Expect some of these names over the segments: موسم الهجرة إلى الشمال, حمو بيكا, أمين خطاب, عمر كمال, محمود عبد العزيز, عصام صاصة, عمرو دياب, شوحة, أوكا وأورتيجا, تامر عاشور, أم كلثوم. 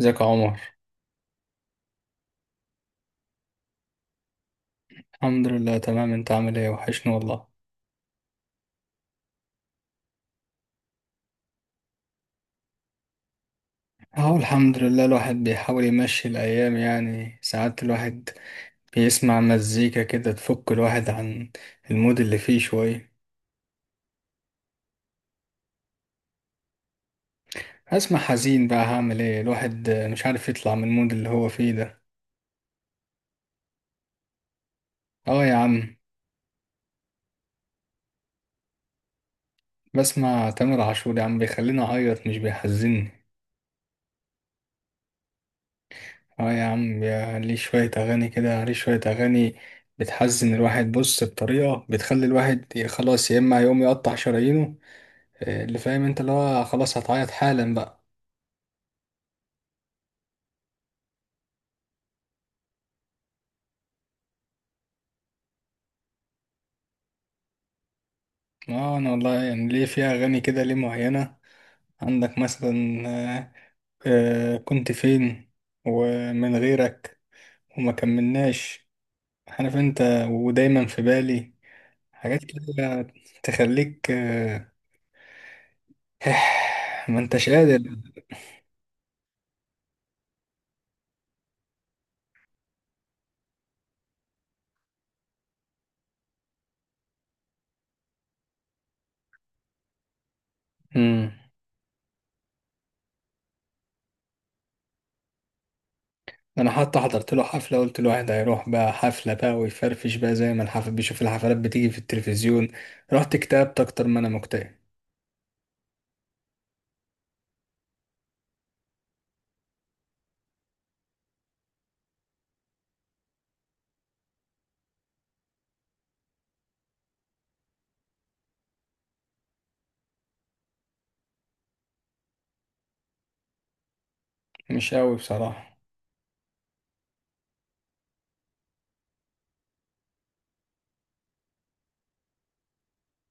ازيك يا عمر. الحمد لله تمام، انت عامل ايه؟ وحشني والله. اهو الحمد لله، الواحد بيحاول يمشي الايام، يعني ساعات الواحد بيسمع مزيكا كده تفك الواحد عن المود اللي فيه شوية. اسمع حزين بقى، هعمل ايه؟ الواحد مش عارف يطلع من المود اللي هو فيه ده. اه يا عم. بسمع تامر عاشور يا عم، بيخليني اعيط مش بيحزني. اه يا عم، ليه شوية اغاني كده، ليه شوية اغاني بتحزن الواحد؟ بص، بطريقة بتخلي الواحد خلاص يا اما يقوم يقطع شرايينه، اللي فاهم انت اللي هو خلاص هتعيط حالا بقى. اه انا والله، يعني ليه في اغاني كده ليه معينة؟ عندك مثلا كنت فين، ومن غيرك، وما كملناش، عارف انت، ودايما في بالي، حاجات كده تخليك. ما انتش قادر. امم. انا حتى حضرت له حفله، قلت له واحد هيروح بقى حفله بقى ويفرفش بقى زي ما الحفل بيشوف الحفلات بتيجي في التلفزيون، رحت اكتئبت اكتر ما انا مكتئب. مش قوي بصراحه.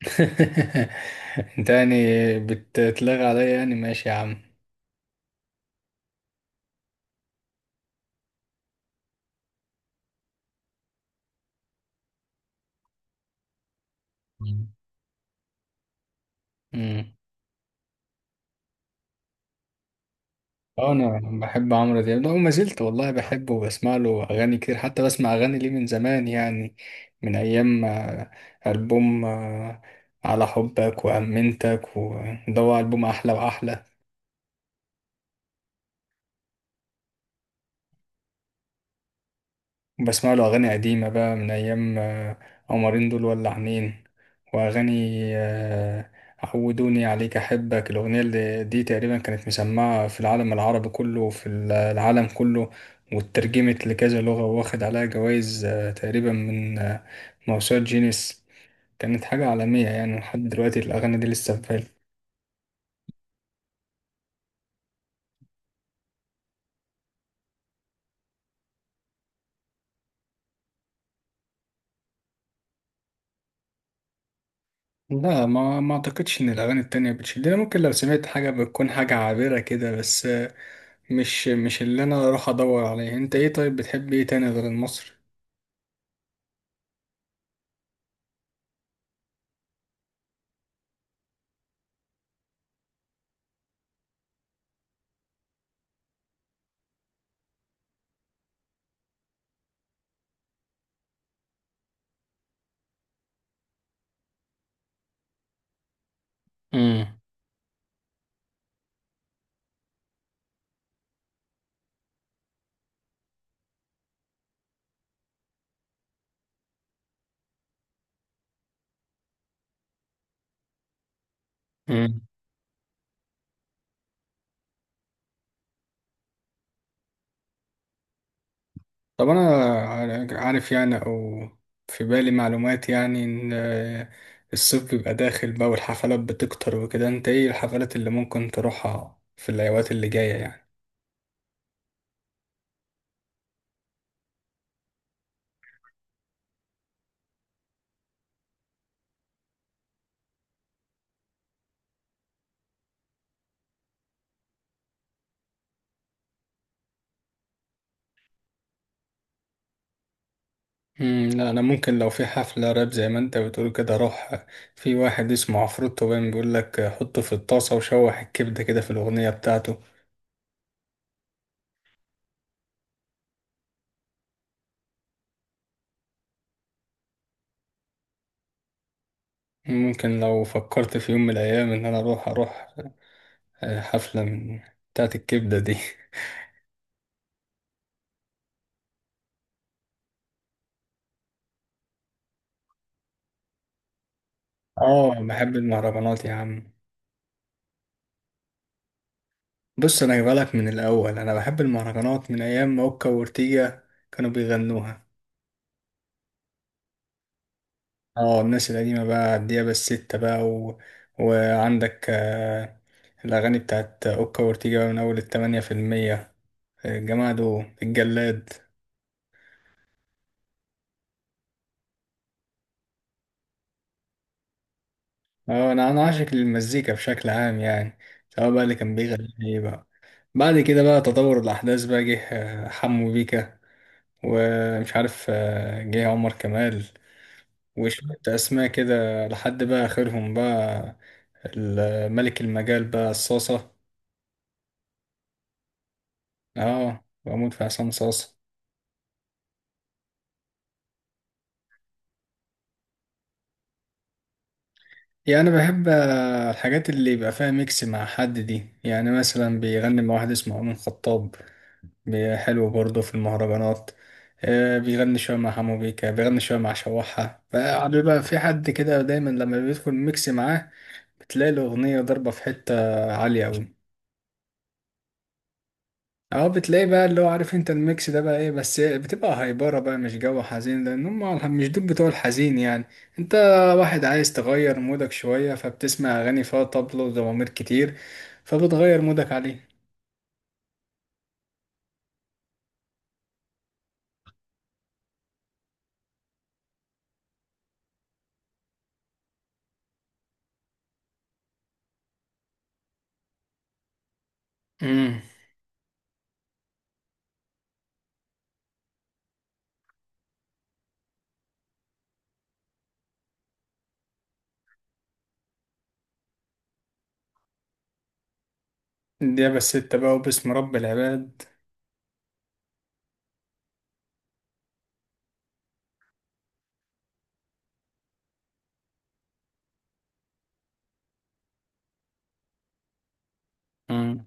انت يعني بتتلغى عليا؟ يعني ماشي يا عم. امم. اه انا بحب عمرو دياب ده وما زلت والله بحبه، وبسمع له اغاني كتير، حتى بسمع اغاني ليه من زمان يعني، من ايام البوم على حبك وامنتك، وده هو البوم احلى واحلى. بسمع له أغاني قديمة بقى من أيام قمرين دول، ولا عنين، وأغاني آه، عودوني عليك، أحبك. الأغنية اللي دي تقريبا كانت مسمعة في العالم العربي كله وفي العالم كله، واترجمت لكذا لغة، واخد عليها جوائز تقريبا من موسوعة جينيس. كانت حاجة عالمية، يعني لحد دلوقتي الأغاني دي لسه في بالي. لا، ما أعتقدش إن الأغاني التانية بتشدني. ممكن لو سمعت حاجة بتكون حاجة عابرة كده، بس مش اللي انا اروح ادور عليه. انت ايه؟ طيب بتحب ايه تاني غير المصري؟ امم. امم طب انا عارف يعني، او في بالي معلومات يعني، ان الصيف بيبقى داخل بقى والحفلات بتكتر وكده. انت ايه الحفلات اللي ممكن تروحها في الايوات اللي جاية يعني؟ امم. لا انا ممكن لو في حفلة راب زي ما انت بتقول كده اروح. في واحد اسمه عفروتو، باين بيقول لك حطه في الطاسة وشوح الكبدة كده في الاغنية بتاعته. ممكن لو فكرت في يوم من الايام ان انا اروح حفلة من بتاعت الكبدة دي. اه. بحب المهرجانات يا عم. بص انا جايبلك من الاول، انا بحب المهرجانات من ايام ما اوكا وأورتيجا كانوا بيغنوها. اه الناس القديمة بقى، الديابة الستة بقى، و... وعندك الاغاني بتاعت اوكا وأورتيجا بقى، من اول 80%، الجماعة دول، الجلاد. اه انا عاشق للمزيكا بشكل عام يعني، سواء بقى اللي كان بيغني ايه بقى. بعد كده بقى تطور الاحداث بقى، جه حمو بيكا، ومش عارف جه عمر كمال، وشوية أسماء كده، لحد بقى آخرهم بقى ملك المجال بقى صاصة. اه بموت في عصام صاصة. يعني أنا بحب الحاجات اللي يبقى فيها ميكس مع حد دي، يعني مثلا بيغني مع واحد اسمه أمين خطاب، حلو برضه في المهرجانات. بيغني شوية مع حمو بيكا، بيغني شوية مع شوحة، فقعد بقى في حد كده دايما لما بيدخل ميكس معاه بتلاقي الأغنية ضربة في حتة عالية أوي. اه، بتلاقي بقى اللي هو عارف انت الميكس ده بقى ايه، بس إيه، بتبقى هايبرة بقى، مش جو حزين، لان هم مش دول بتوع الحزين يعني. انت واحد عايز تغير مودك شوية، فبتسمع اغاني فيها طبل وزمامير كتير، فبتغير مودك عليه. امم، ده بس انت بقى وباسم رب العباد. امم.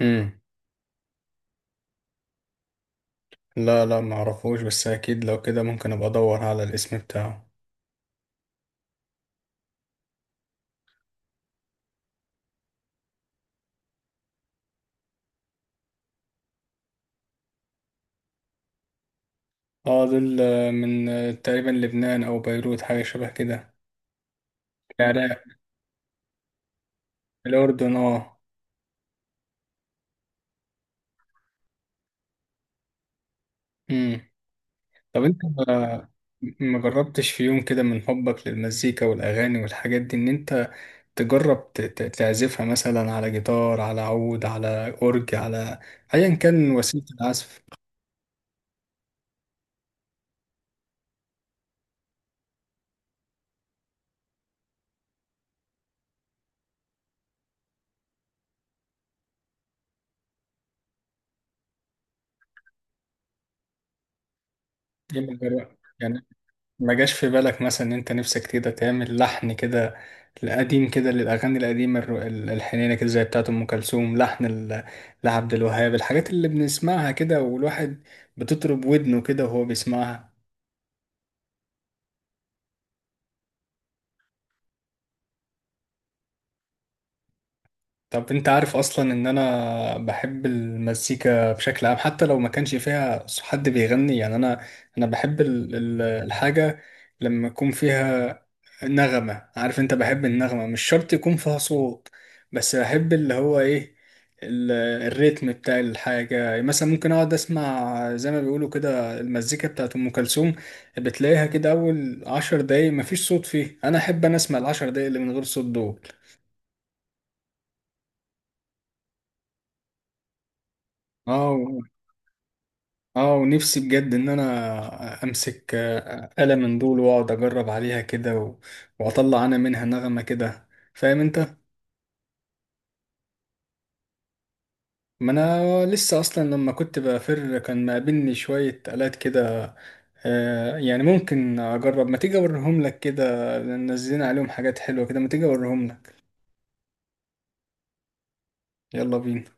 امم لا، معرفوش، بس اكيد لو كده ممكن ابقى ادور على الاسم بتاعه. اه دول من تقريبا لبنان او بيروت، حاجة شبه كده. العراق. الاردن اه. امم. طب انت ما جربتش في يوم كده من حبك للمزيكا والأغاني والحاجات دي إن أنت تجرب تعزفها مثلا على جيتار، على عود، على أورج، على أيا كان وسيلة العزف؟ ليه ما جرب- يعني ما جاش في بالك مثلا إن أنت نفسك كده تعمل لحن كده، القديم كده، للأغاني القديمة الحنينة كده، زي بتاعة أم كلثوم، لحن لعبد الوهاب، الحاجات اللي بنسمعها كده والواحد بتطرب ودنه كده وهو بيسمعها؟ طب انت عارف اصلا ان انا بحب المزيكا بشكل عام، حتى لو ما كانش فيها حد بيغني يعني، انا بحب الحاجة لما يكون فيها نغمة. عارف انت، بحب النغمة، مش شرط يكون فيها صوت، بس بحب اللي هو ايه، ال- الريتم بتاع الحاجة. مثلا ممكن اقعد اسمع زي ما بيقولوا كده المزيكا بتاعت ام كلثوم، بتلاقيها كده اول 10 دقايق مفيش صوت فيه، انا احب انا اسمع ال10 دقايق اللي من غير صوت دول. اه. اه، ونفسي بجد ان انا امسك آلة من دول واقعد اجرب عليها كده، واطلع انا منها نغمة كده، فاهم انت. ما انا لسه اصلا لما كنت بفر كان مقابلني شوية آلات كده، آه يعني ممكن اجرب. ما تيجي اوريهم لك كده، لأن نزلنا عليهم حاجات حلوة كده، ما تيجي اوريهم لك. يلا بينا.